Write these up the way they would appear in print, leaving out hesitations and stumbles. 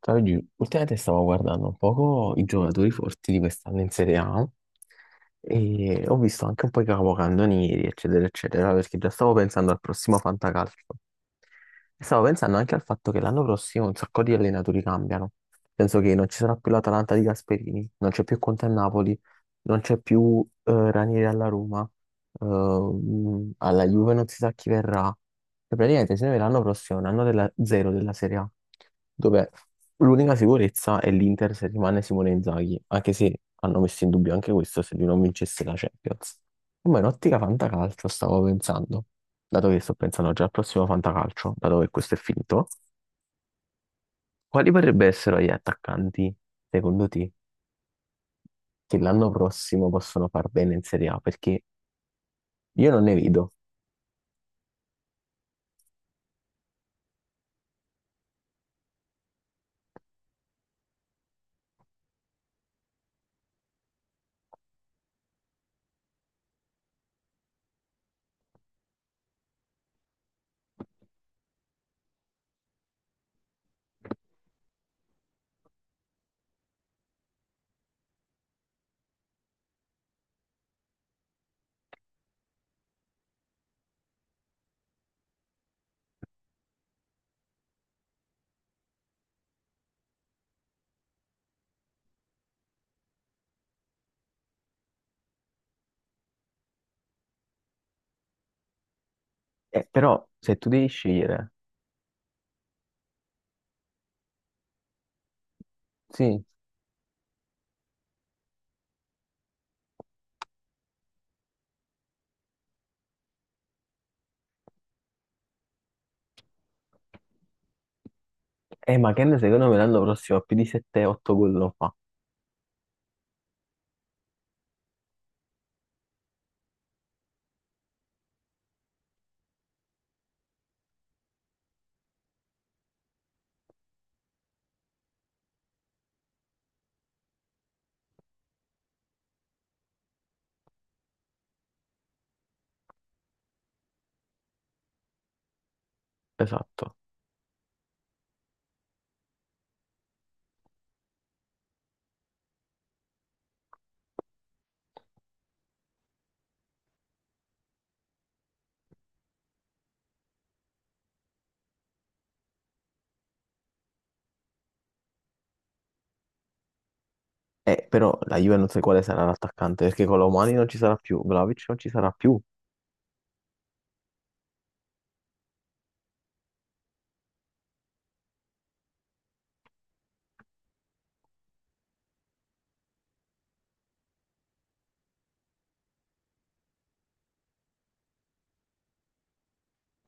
Ciao Gil, ultimamente stavo guardando un poco i giocatori forti di quest'anno in Serie A e ho visto anche un po' i capocannonieri, eccetera, eccetera, perché già stavo pensando al prossimo Fantacalcio. E stavo pensando anche al fatto che l'anno prossimo un sacco di allenatori cambiano. Penso che non ci sarà più l'Atalanta di Gasperini, non c'è più Conte a Napoli, non c'è più Ranieri alla Roma. Alla Juve non si sa chi verrà. E praticamente se ne verrà l'anno prossimo, un anno della zero della Serie A, dove l'unica sicurezza è l'Inter se rimane Simone Inzaghi, anche se hanno messo in dubbio anche questo se lui non vincesse la Champions. Ma in ottica fantacalcio stavo pensando, dato che sto pensando già al prossimo fantacalcio, dato che questo è finito, quali potrebbero essere gli attaccanti, secondo te, che l'anno prossimo possono far bene in Serie A? Perché io non ne vedo. Però se tu devi scegliere. Sì, ma Ken secondo me l'anno prossimo ha più di 7-8 gol lo fa. Esatto. Però la Juve non so quale sarà l'attaccante, perché con Colomani non ci sarà più, Vlahovic non ci sarà più.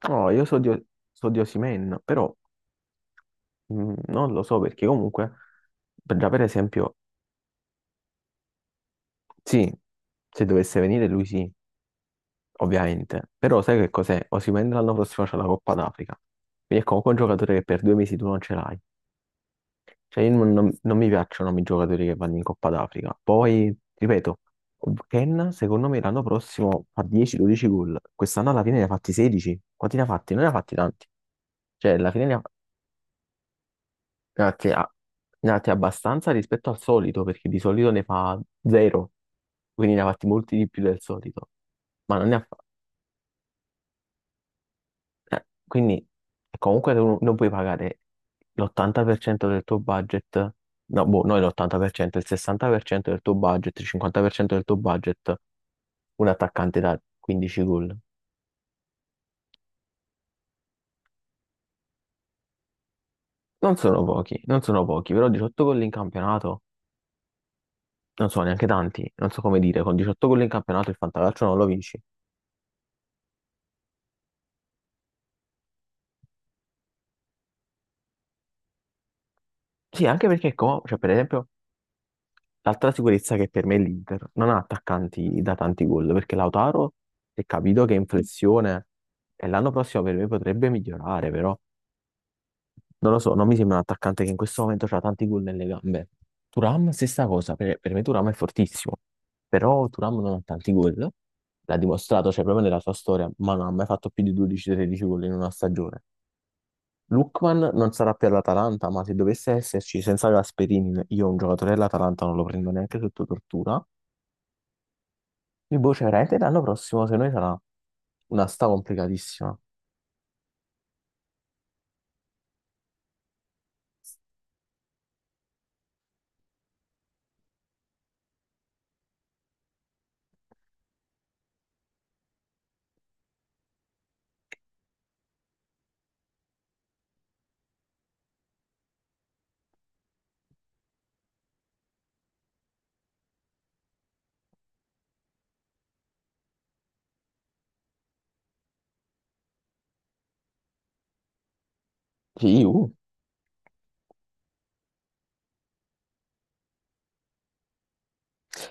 No, io so di Osimhen, però non lo so, perché comunque, già per esempio, sì, se dovesse venire lui sì, ovviamente. Però sai che cos'è? Osimhen l'anno prossimo c'è la Coppa d'Africa. Quindi è comunque un giocatore che per due mesi tu non ce l'hai. Cioè, io non mi piacciono i giocatori che vanno in Coppa d'Africa. Poi, ripeto, Ken, secondo me, l'anno prossimo fa 10-12 gol. Quest'anno alla fine ne ha fatti 16. Quanti ne ha fatti? Non ne ha fatti tanti. Cioè, alla fine ne ha fatti a- ne ha fatti abbastanza rispetto al solito, perché di solito ne fa 0. Quindi ne ha fatti molti di più del solito. Ma non ne ha. Quindi comunque tu non puoi pagare l'80% del tuo budget, no, boh, noi l'80%, il 60% del tuo budget, il 50% del tuo budget, un attaccante da 15 gol. Non sono pochi, non sono pochi, però 18 gol in campionato non sono neanche tanti, non so come dire, con 18 gol in campionato il Fantacalcio non lo vinci. Sì, anche perché, cioè, per esempio, l'altra sicurezza che per me è l'Inter non ha attaccanti da tanti gol, perché Lautaro, se capito che è in flessione, e l'anno prossimo per me potrebbe migliorare, però non lo so, non mi sembra un attaccante che in questo momento ha tanti gol nelle gambe. Turam, stessa cosa, per me Turam è fortissimo, però Turam non ha tanti gol, l'ha dimostrato, cioè proprio nella sua storia, ma non ha mai fatto più di 12-13 gol in una stagione. Lukman non sarà più all'Atalanta, ma se dovesse esserci senza Gasperini, io un giocatore dell'Atalanta non lo prendo neanche sotto tortura. Quindi, boh, cioè, veramente l'anno prossimo, se noi sarà una sta complicatissima. Sì.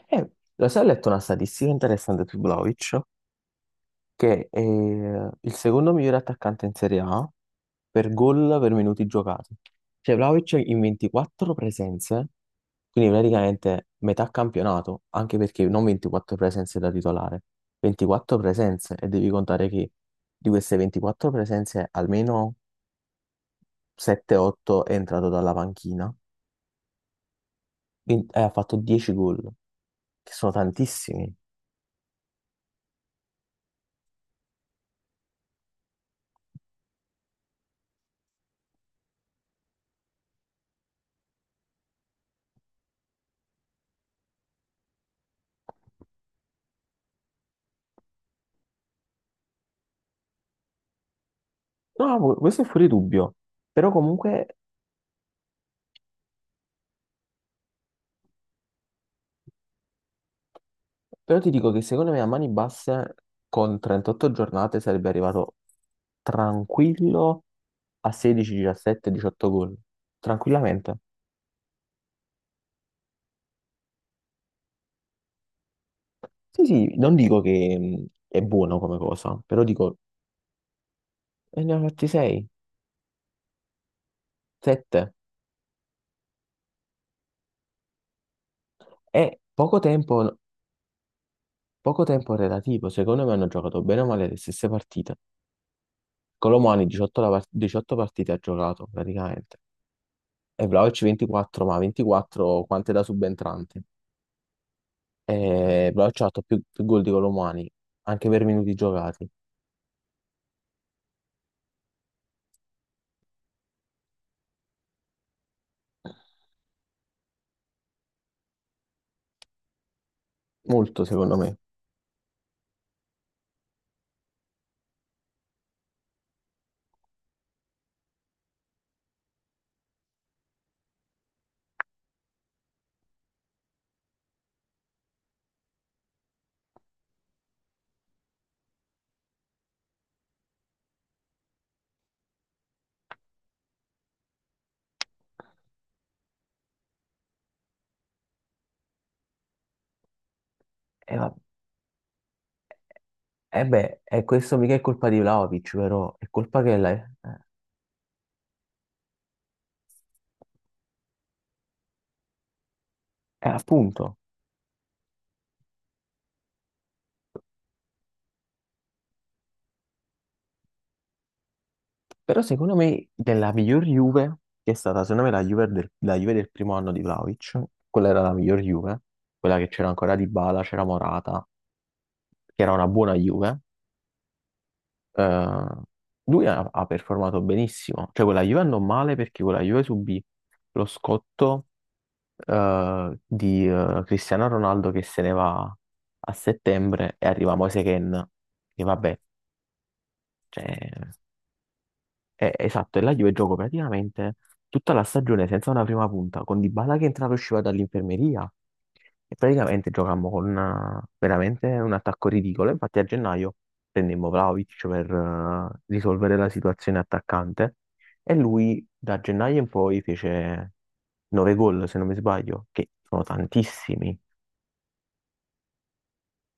Eh, Lo sai, ho letto una statistica interessante su Vlahovic, che è il secondo migliore attaccante in Serie A per gol per minuti giocati. Cioè, Vlahovic in 24 presenze, quindi praticamente metà campionato, anche perché non 24 presenze da titolare, 24 presenze, e devi contare che di queste 24 presenze almeno 7-8 è entrato dalla panchina 20 ha fatto 10 gol, che sono tantissimi. No, no, questo è fuori dubbio. Però comunque, però ti dico che secondo me a mani basse con 38 giornate sarebbe arrivato tranquillo a 16, 17, 18 gol. Tranquillamente. Sì, sì, non dico che è buono come cosa, però dico, e ne ha fatti 6, 7. È poco tempo relativo. Secondo me hanno giocato bene o male le stesse partite. Colomani 18, 18 partite ha giocato praticamente e Vlahovic 24, ma 24 quante da subentrante. E Vlahovic ha fatto più gol di Colomani, anche per minuti giocati. Molto secondo me. E, va- e beh, e questo mica è colpa di Vlahovic, però è colpa che è appunto. Però secondo me della miglior Juve, che è stata secondo me la Juve del primo anno di Vlahovic, quella era la miglior Juve, quella che c'era ancora Dybala, c'era Morata, che era una buona Juve. Eh, Lui ha performato benissimo, cioè quella Juve andò male perché quella Juve subì lo scotto di Cristiano Ronaldo che se ne va a settembre e arriva Moise Kean, che vabbè, cioè, esatto, e la Juve giocò praticamente tutta la stagione senza una prima punta, con Dybala che entrava e usciva dall'infermeria e praticamente giocammo con veramente un attacco ridicolo. Infatti a gennaio prendemmo Vlahovic per risolvere la situazione attaccante e lui da gennaio in poi fece 9 gol, se non mi sbaglio, che sono tantissimi.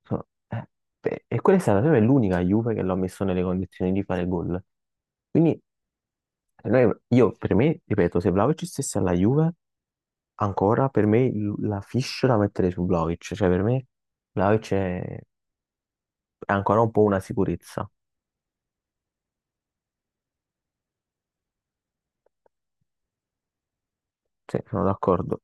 Sono- eh, Beh, e quella è stata proprio l'unica Juve che l'ho messo nelle condizioni di fare gol. Quindi, per me, io, per me, ripeto, se Vlahovic stesse alla Juve, ancora per me la fish da mettere su Vlahovic, cioè per me Vlahovic è ancora un po' una sicurezza, sì, sono d'accordo.